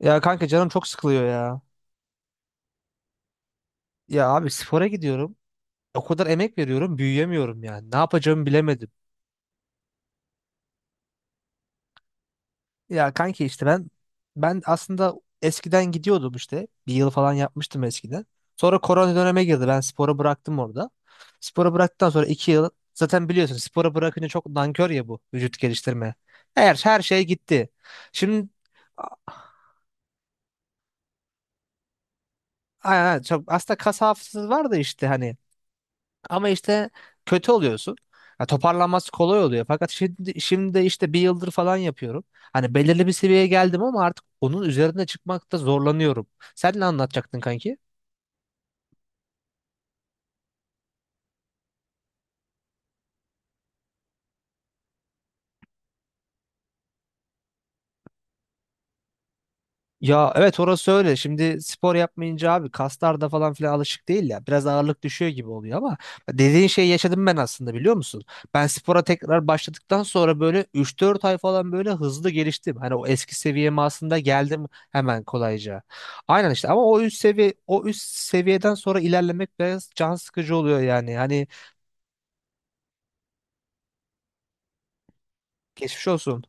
Ya kanka canım çok sıkılıyor ya. Ya abi spora gidiyorum. O kadar emek veriyorum, büyüyemiyorum yani. Ne yapacağımı bilemedim. Ya kanki işte ben aslında eskiden gidiyordum işte. Bir yıl falan yapmıştım eskiden. Sonra korona döneme girdi. Ben sporu bıraktım orada. Sporu bıraktıktan sonra 2 yıl zaten biliyorsun sporu bırakınca çok nankör ya bu vücut geliştirme. Her şey gitti. Şimdi a- aslında kas hafızası var da işte hani. Ama işte kötü oluyorsun. Ya toparlanması kolay oluyor. Fakat şimdi işte bir yıldır falan yapıyorum. Hani belirli bir seviyeye geldim ama artık onun üzerine çıkmakta zorlanıyorum. Sen ne anlatacaktın kanki? Ya evet orası öyle. Şimdi spor yapmayınca abi kaslar da falan filan alışık değil ya. Biraz ağırlık düşüyor gibi oluyor ama dediğin şeyi yaşadım ben aslında biliyor musun? Ben spora tekrar başladıktan sonra böyle üç dört ay falan böyle hızlı geliştim. Hani o eski seviyeme aslında geldim hemen kolayca. Aynen işte ama o üst seviyeden sonra ilerlemek biraz can sıkıcı oluyor yani. Hani geçmiş olsun.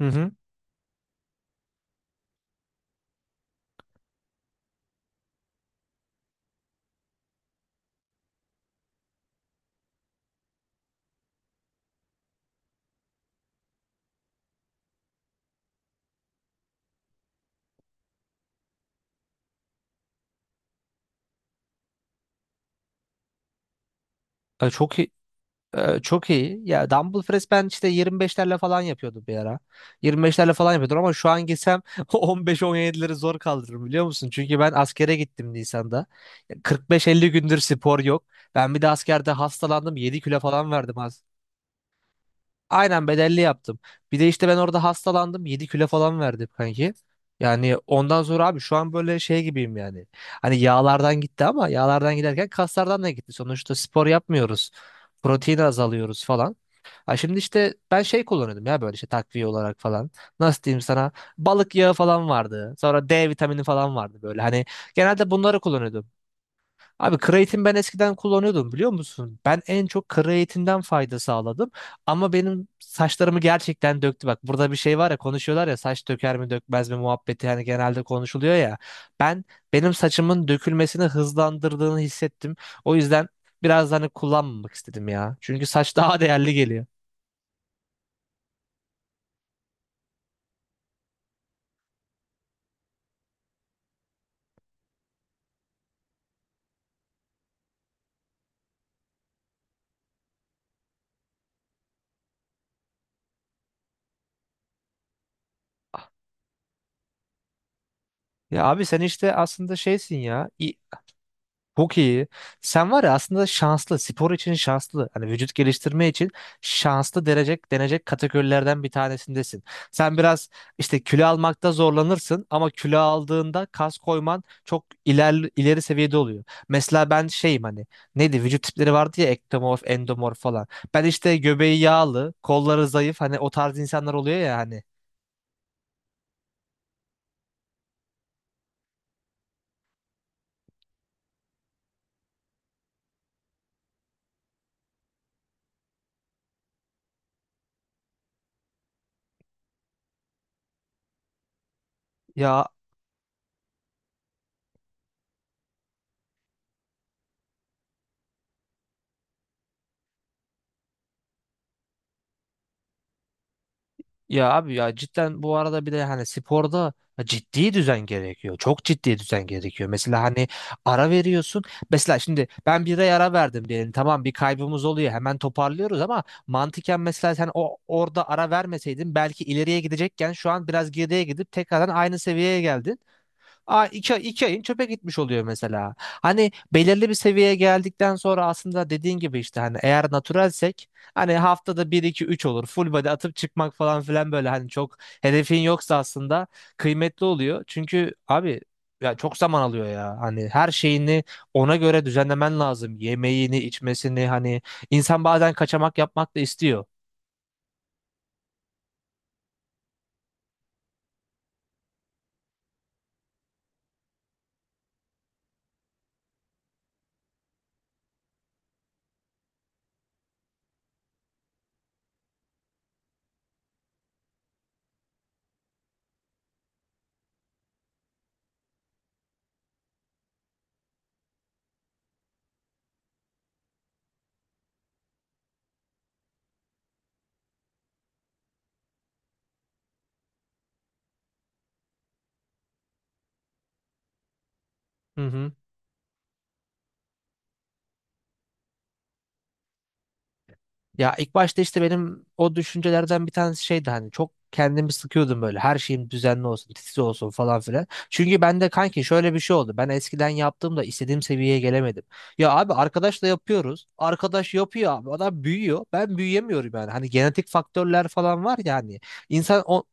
Hı hı. Ay, çok iyi. Ya dumbbell press ben işte 25'lerle falan yapıyordum bir ara. 25'lerle falan yapıyordum ama şu an gitsem 15-17'leri zor kaldırırım biliyor musun? Çünkü ben askere gittim Nisan'da. Ya 45-50 gündür spor yok. Ben bir de askerde hastalandım 7 kilo falan verdim az. Aynen bedelli yaptım. Bir de işte ben orada hastalandım 7 kilo falan verdim kanki. Yani ondan sonra abi şu an böyle şey gibiyim yani. Hani yağlardan gitti ama yağlardan giderken kaslardan da gitti. Sonuçta spor yapmıyoruz. Protein azalıyoruz falan. Ha şimdi işte ben şey kullanıyordum ya böyle işte takviye olarak falan. Nasıl diyeyim sana? Balık yağı falan vardı. Sonra D vitamini falan vardı böyle. Hani genelde bunları kullanıyordum. Abi kreatin ben eskiden kullanıyordum biliyor musun? Ben en çok kreatinden fayda sağladım. Ama benim saçlarımı gerçekten döktü. Bak burada bir şey var ya konuşuyorlar ya saç döker mi dökmez mi muhabbeti hani genelde konuşuluyor ya. Ben Benim saçımın dökülmesini hızlandırdığını hissettim. O yüzden biraz da hani kullanmamak istedim ya. Çünkü saç daha değerli geliyor. Ya abi sen işte aslında şeysin ya. Çok iyi. Sen var ya aslında şanslı. Spor için şanslı. Hani vücut geliştirme için şanslı denecek kategorilerden bir tanesindesin. Sen biraz işte kilo almakta zorlanırsın ama kilo aldığında kas koyman çok ileri seviyede oluyor. Mesela ben şeyim hani neydi vücut tipleri vardı ya ektomorf, endomorf falan. Ben işte göbeği yağlı, kolları zayıf hani o tarz insanlar oluyor ya hani. Ya Ya abi ya cidden bu arada bir de hani sporda ciddi düzen gerekiyor. Çok ciddi düzen gerekiyor. Mesela hani ara veriyorsun. Mesela şimdi ben bir ay ara verdim diyelim. Tamam bir kaybımız oluyor. Hemen toparlıyoruz ama mantıken mesela sen o orada ara vermeseydin belki ileriye gidecekken şu an biraz geriye gidip tekrardan aynı seviyeye geldin. Aa, iki ayın çöpe gitmiş oluyor mesela. Hani belirli bir seviyeye geldikten sonra aslında dediğin gibi işte hani eğer naturalsek hani haftada bir iki üç olur. Full body atıp çıkmak falan filan böyle hani çok hedefin yoksa aslında kıymetli oluyor. Çünkü abi ya çok zaman alıyor ya. Hani her şeyini ona göre düzenlemen lazım. Yemeğini, içmesini hani insan bazen kaçamak yapmak da istiyor. Hı hı. Ya ilk başta işte benim o düşüncelerden bir tanesi şeydi hani çok kendimi sıkıyordum böyle her şeyim düzenli olsun titiz olsun falan filan. Çünkü ben de kanki şöyle bir şey oldu ben eskiden yaptığımda istediğim seviyeye gelemedim. Ya abi arkadaşla yapıyoruz arkadaş yapıyor abi adam büyüyor ben büyüyemiyorum yani hani genetik faktörler falan var ya hani insan.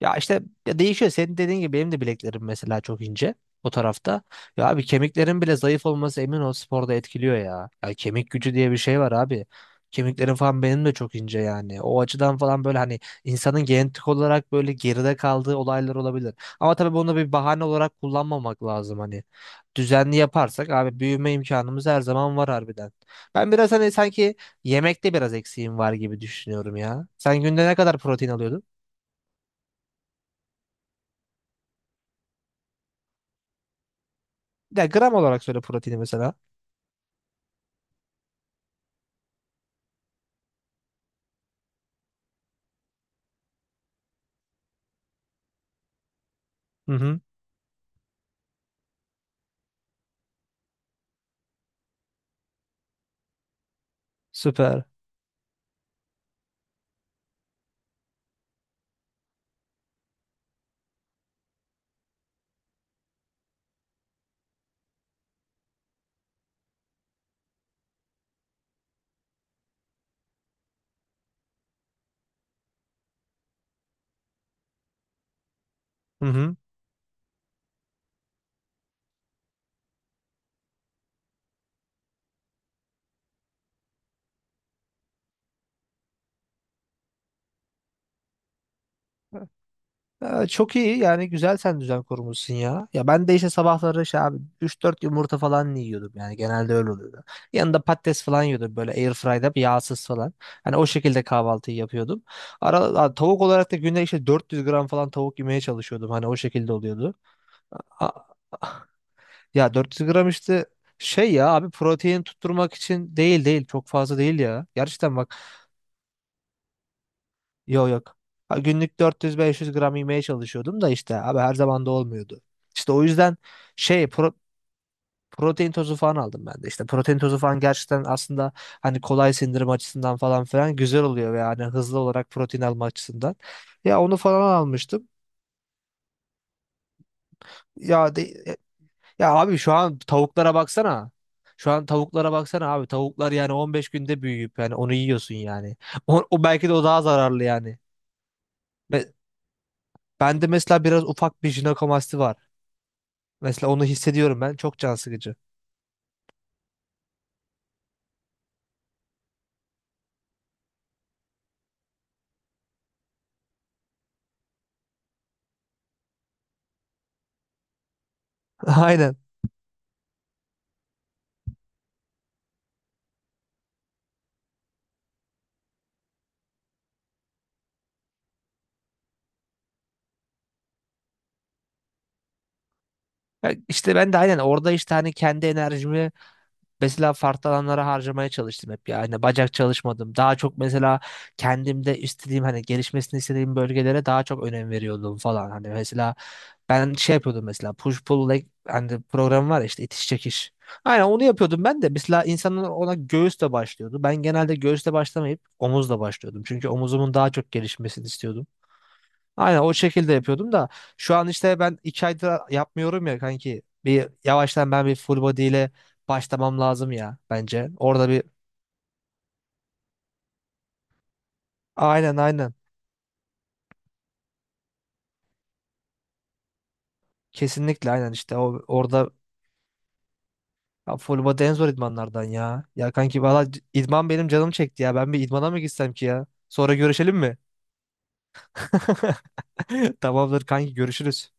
Ya işte ya değişiyor. Senin dediğin gibi benim de bileklerim mesela çok ince o tarafta. Ya abi kemiklerin bile zayıf olması emin ol sporda etkiliyor ya. Ya kemik gücü diye bir şey var abi. Kemiklerim falan benim de çok ince yani. O açıdan falan böyle hani insanın genetik olarak böyle geride kaldığı olaylar olabilir. Ama tabii bunu bir bahane olarak kullanmamak lazım hani. Düzenli yaparsak abi büyüme imkanımız her zaman var harbiden. Ben biraz hani sanki yemekte biraz eksiğim var gibi düşünüyorum ya. Sen günde ne kadar protein alıyordun? Ya gram olarak söyle proteini mesela. Hı hı. Süper. Hı hı. Çok iyi yani güzel sen düzen kurmuşsun ya. Ya ben de işte sabahları şey abi üç dört yumurta falan yiyordum yani genelde öyle oluyordu. Yanında patates falan yiyordum böyle airfry'da bir yağsız falan. Hani o şekilde kahvaltıyı yapıyordum. Tavuk olarak da günde işte 400 gram falan tavuk yemeye çalışıyordum hani o şekilde oluyordu. A- ya 400 gram işte şey ya abi protein tutturmak için değil çok fazla değil ya. Gerçekten bak. Yok yok. Ha, günlük 400-500 gram yemeye çalışıyordum da işte abi her zaman da olmuyordu. İşte o yüzden şey protein tozu falan aldım ben de. İşte protein tozu falan gerçekten aslında hani kolay sindirim açısından falan filan güzel oluyor ve yani hızlı olarak protein alma açısından. Ya onu falan almıştım. Ya de- Ya abi şu an tavuklara baksana. Şu an tavuklara baksana abi. Tavuklar yani 15 günde büyüyüp yani onu yiyorsun yani. O belki de o daha zararlı yani. Ve bende mesela biraz ufak bir jinekomasti var. Mesela onu hissediyorum ben. Çok can sıkıcı. Aynen. Ya İşte ben de aynen orada işte hani kendi enerjimi mesela farklı alanlara harcamaya çalıştım hep ya. Hani bacak çalışmadım. Daha çok mesela kendimde istediğim hani gelişmesini istediğim bölgelere daha çok önem veriyordum falan. Hani mesela ben şey yapıyordum mesela push pull leg hani program var ya işte itiş çekiş. Aynen onu yapıyordum ben de. Mesela insanlar ona göğüsle başlıyordu. Ben genelde göğüsle başlamayıp omuzla başlıyordum. Çünkü omuzumun daha çok gelişmesini istiyordum. Aynen o şekilde yapıyordum da şu an işte ben 2 aydır yapmıyorum ya kanki. Bir yavaştan ben bir full body ile başlamam lazım ya bence. Orada bir aynen aynen. Kesinlikle aynen işte o orada ya full body en zor idmanlardan ya. Ya kanki valla idman benim canım çekti ya. Ben bir idmana mı gitsem ki ya? Sonra görüşelim mi? Tamamdır kanki görüşürüz.